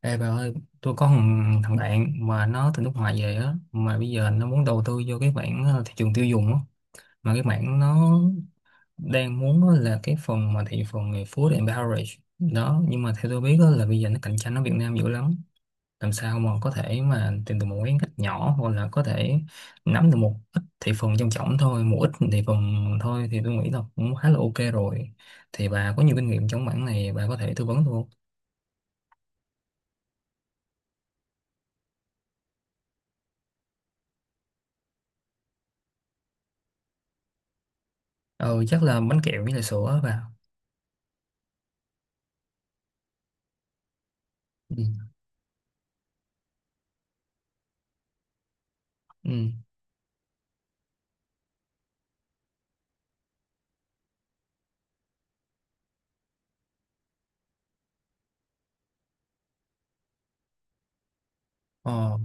Ê bà ơi, tôi có thằng bạn mà nó từ nước ngoài về á, mà bây giờ nó muốn đầu tư vô cái mảng thị trường tiêu dùng á, mà cái mảng nó đang muốn á là cái phần mà thị phần về food and beverage đó, nhưng mà theo tôi biết á là bây giờ nó cạnh tranh ở Việt Nam dữ lắm, làm sao mà có thể mà tìm được một cái ngách nhỏ hoặc là có thể nắm được một ít thị phần trong trọng thôi, một ít thị phần thôi thì tôi nghĩ là cũng khá là ok rồi. Thì bà có nhiều kinh nghiệm trong mảng này, bà có thể tư vấn tôi không? Ờ, chắc là bánh kẹo với lại sữa á bà. Ừ. Ừ. Ờ,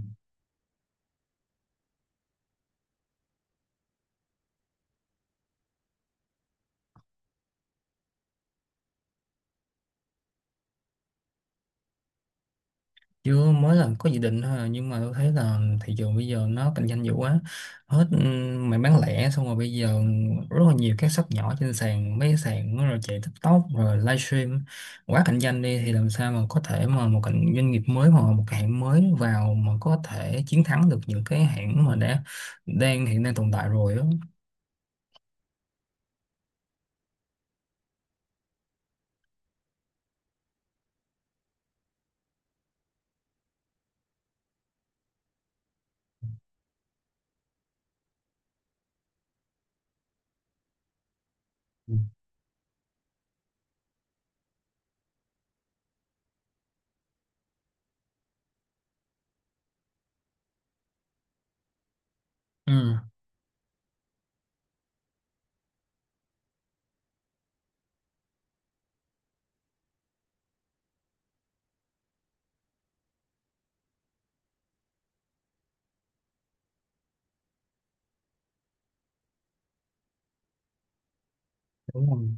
chưa mới làm có dự định thôi à, nhưng mà tôi thấy là thị trường bây giờ nó cạnh tranh dữ quá hết. Ừ, mày bán lẻ xong rồi bây giờ rất là nhiều các shop nhỏ trên sàn mấy cái sàn nó rồi chạy TikTok rồi livestream quá cạnh tranh đi thì làm sao mà có thể mà một cạnh doanh nghiệp mới hoặc một cái hãng mới vào mà có thể chiến thắng được những cái hãng mà đã đang hiện đang tồn tại rồi đó. Ừ. Ừ, đúng rồi.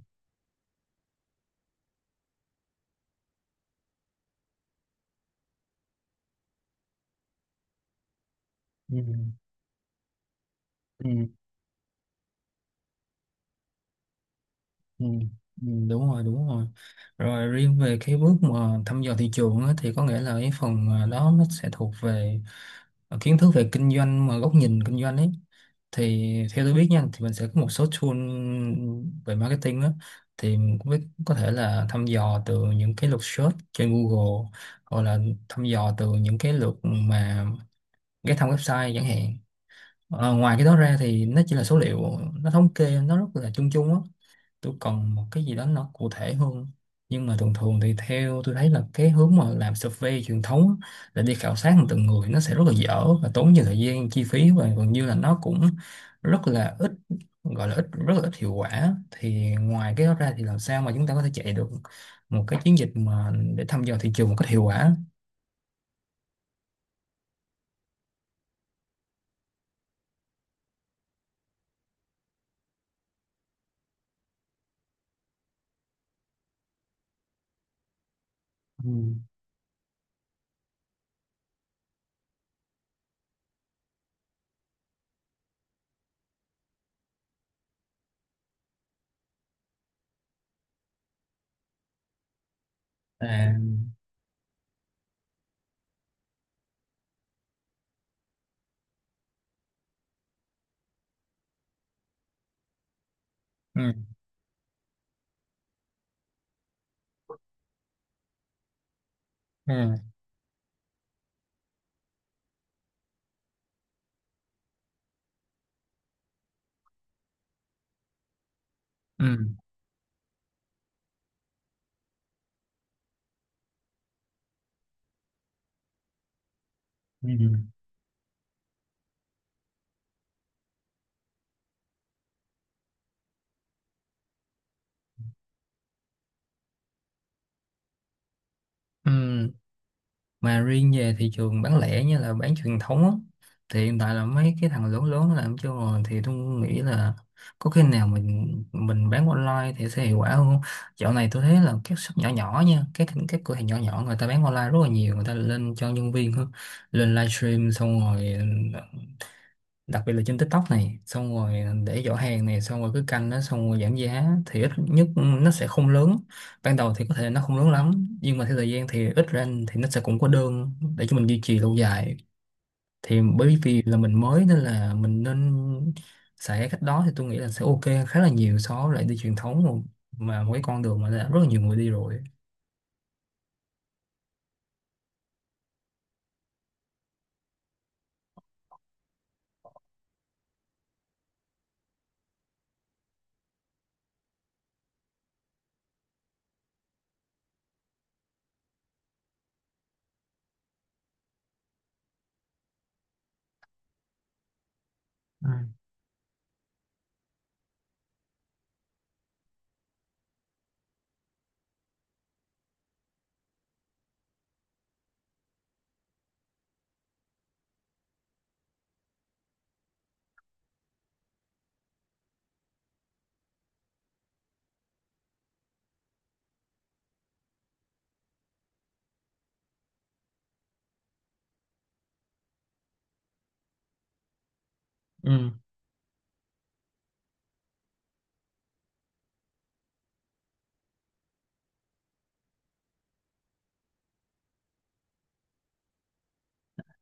Ừ. Ừ. Ừ, đúng rồi rồi Riêng về cái bước mà thăm dò thị trường á, thì có nghĩa là cái phần đó nó sẽ thuộc về kiến thức về kinh doanh mà góc nhìn kinh doanh ấy thì theo tôi biết nha thì mình sẽ có một số tool về marketing á thì mình cũng biết có thể là thăm dò từ những cái lượt search trên Google hoặc là thăm dò từ những cái lượt mà ghé thăm website chẳng hạn. Ờ, ngoài cái đó ra thì nó chỉ là số liệu nó thống kê nó rất là chung chung á, tôi cần một cái gì đó nó cụ thể hơn. Nhưng mà thường thường thì theo tôi thấy là cái hướng mà làm survey truyền thống á, là đi khảo sát từng người nó sẽ rất là dở và tốn nhiều thời gian chi phí và gần như là nó cũng rất là ít, gọi là ít rất là ít hiệu quả, thì ngoài cái đó ra thì làm sao mà chúng ta có thể chạy được một cái chiến dịch mà để thăm dò thị trường một cách hiệu quả. Ừ. À, ừ, ừ, ừ, ừ, ừ. Mà riêng về thị trường bán lẻ như là bán truyền thống á, thì hiện tại là mấy cái thằng lớn lớn nó làm chưa rồi thì tôi nghĩ là có khi nào mình bán online thì sẽ hiệu quả hơn không? Dạo này tôi thấy là các shop nhỏ nhỏ nha, các cửa hàng nhỏ nhỏ người ta bán online rất là nhiều, người ta lên cho nhân viên hơn, lên livestream xong rồi đặc biệt là trên TikTok này xong rồi để giỏ hàng này xong rồi cứ canh nó xong rồi giảm giá thì ít nhất nó sẽ không lớn, ban đầu thì có thể nó không lớn lắm nhưng mà theo thời gian thì ít ra thì nó sẽ cũng có đơn để cho mình duy trì lâu dài, thì bởi vì là mình mới nên là mình nên xài cái cách đó thì tôi nghĩ là sẽ ok khá là nhiều so với lại đi truyền thống, mà một cái con đường mà đã rất là nhiều người đi rồi. Ừ. Ừ.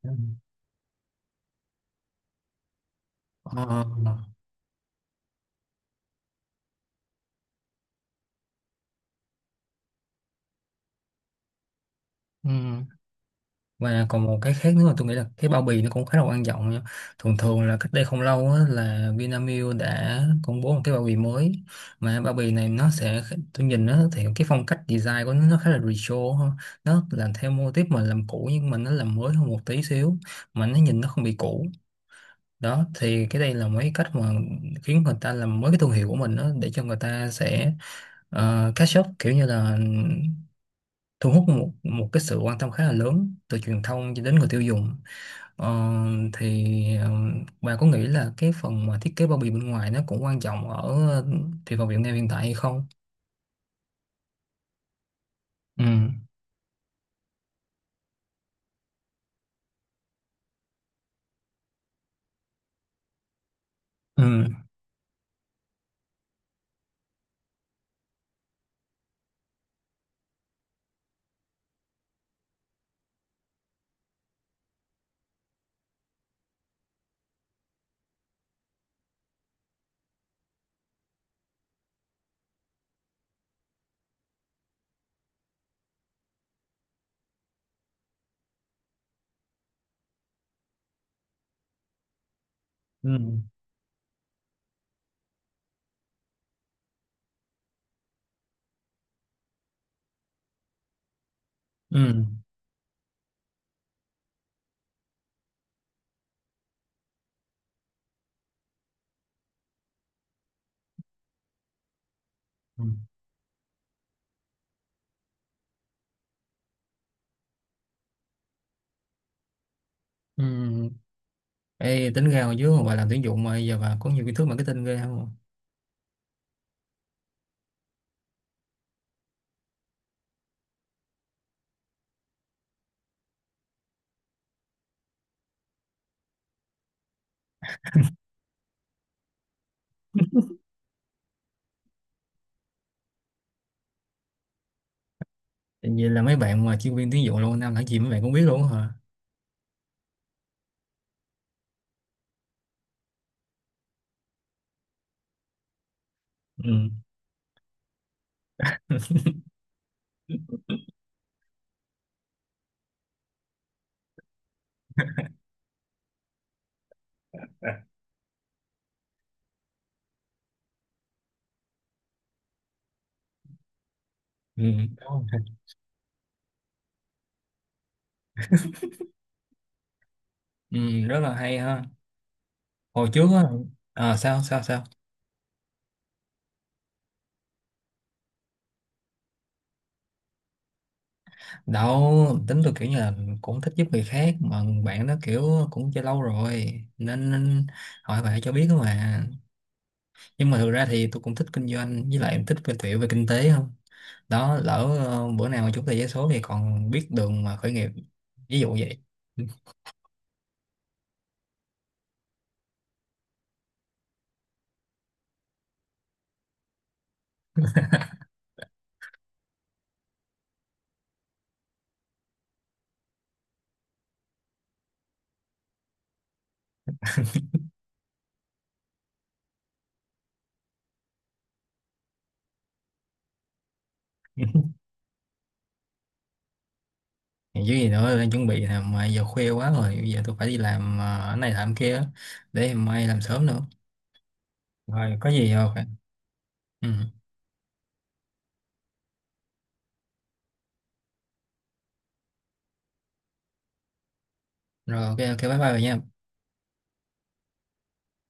Ừ. Ờ, ừ. Và còn một cái khác nữa mà tôi nghĩ là cái bao bì nó cũng khá là quan trọng nha. Thường thường là cách đây không lâu á, là Vinamilk đã công bố một cái bao bì mới mà bao bì này nó sẽ, tôi nhìn nó thì cái phong cách design của nó khá là retro ha. Nó làm theo mô típ mà làm cũ nhưng mà nó làm mới hơn một tí xíu mà nó nhìn nó không bị cũ đó, thì cái đây là mấy cách mà khiến người ta làm mới cái thương hiệu của mình đó, để cho người ta sẽ catch up kiểu như là thu hút một một cái sự quan tâm khá là lớn từ truyền thông cho đến người tiêu dùng. Ờ, thì ờ, bà có nghĩ là cái phần mà thiết kế bao bì bên ngoài nó cũng quan trọng ở ờ, thị phần Việt Nam hiện tại hay không? Ừ, ừ, ừ, ừ, ừ. Ừ. Ê, tính ra hồi trước mà bà làm tuyển dụng mà giờ bà có nhiều kiến thức marketing ghê không? Vậy là mấy bạn mà chuyên viên tuyển dụng lâu năm làm gì mấy bạn cũng biết luôn hả? Ừ. Ừ. Đúng rồi. Ừ, rất là hay ha. Hồi trước á, à, sao sao sao? Đâu tính tôi kiểu như là cũng thích giúp người khác mà bạn nó kiểu cũng chơi lâu rồi nên hỏi bạn cho biết đó mà, nhưng mà thực ra thì tôi cũng thích kinh doanh với lại em thích cái tiểu về kinh tế không đó. Lỡ bữa nào mà chúng ta giấy số thì còn biết đường mà khởi nghiệp, ví dụ vậy. Còn chứ gì nữa đang chuẩn bị nè mà giờ khuya quá rồi, bây giờ tôi phải đi làm cái này làm kia để mai làm sớm nữa, rồi có gì rồi ừ. Rồi ok ok bye bye rồi nha.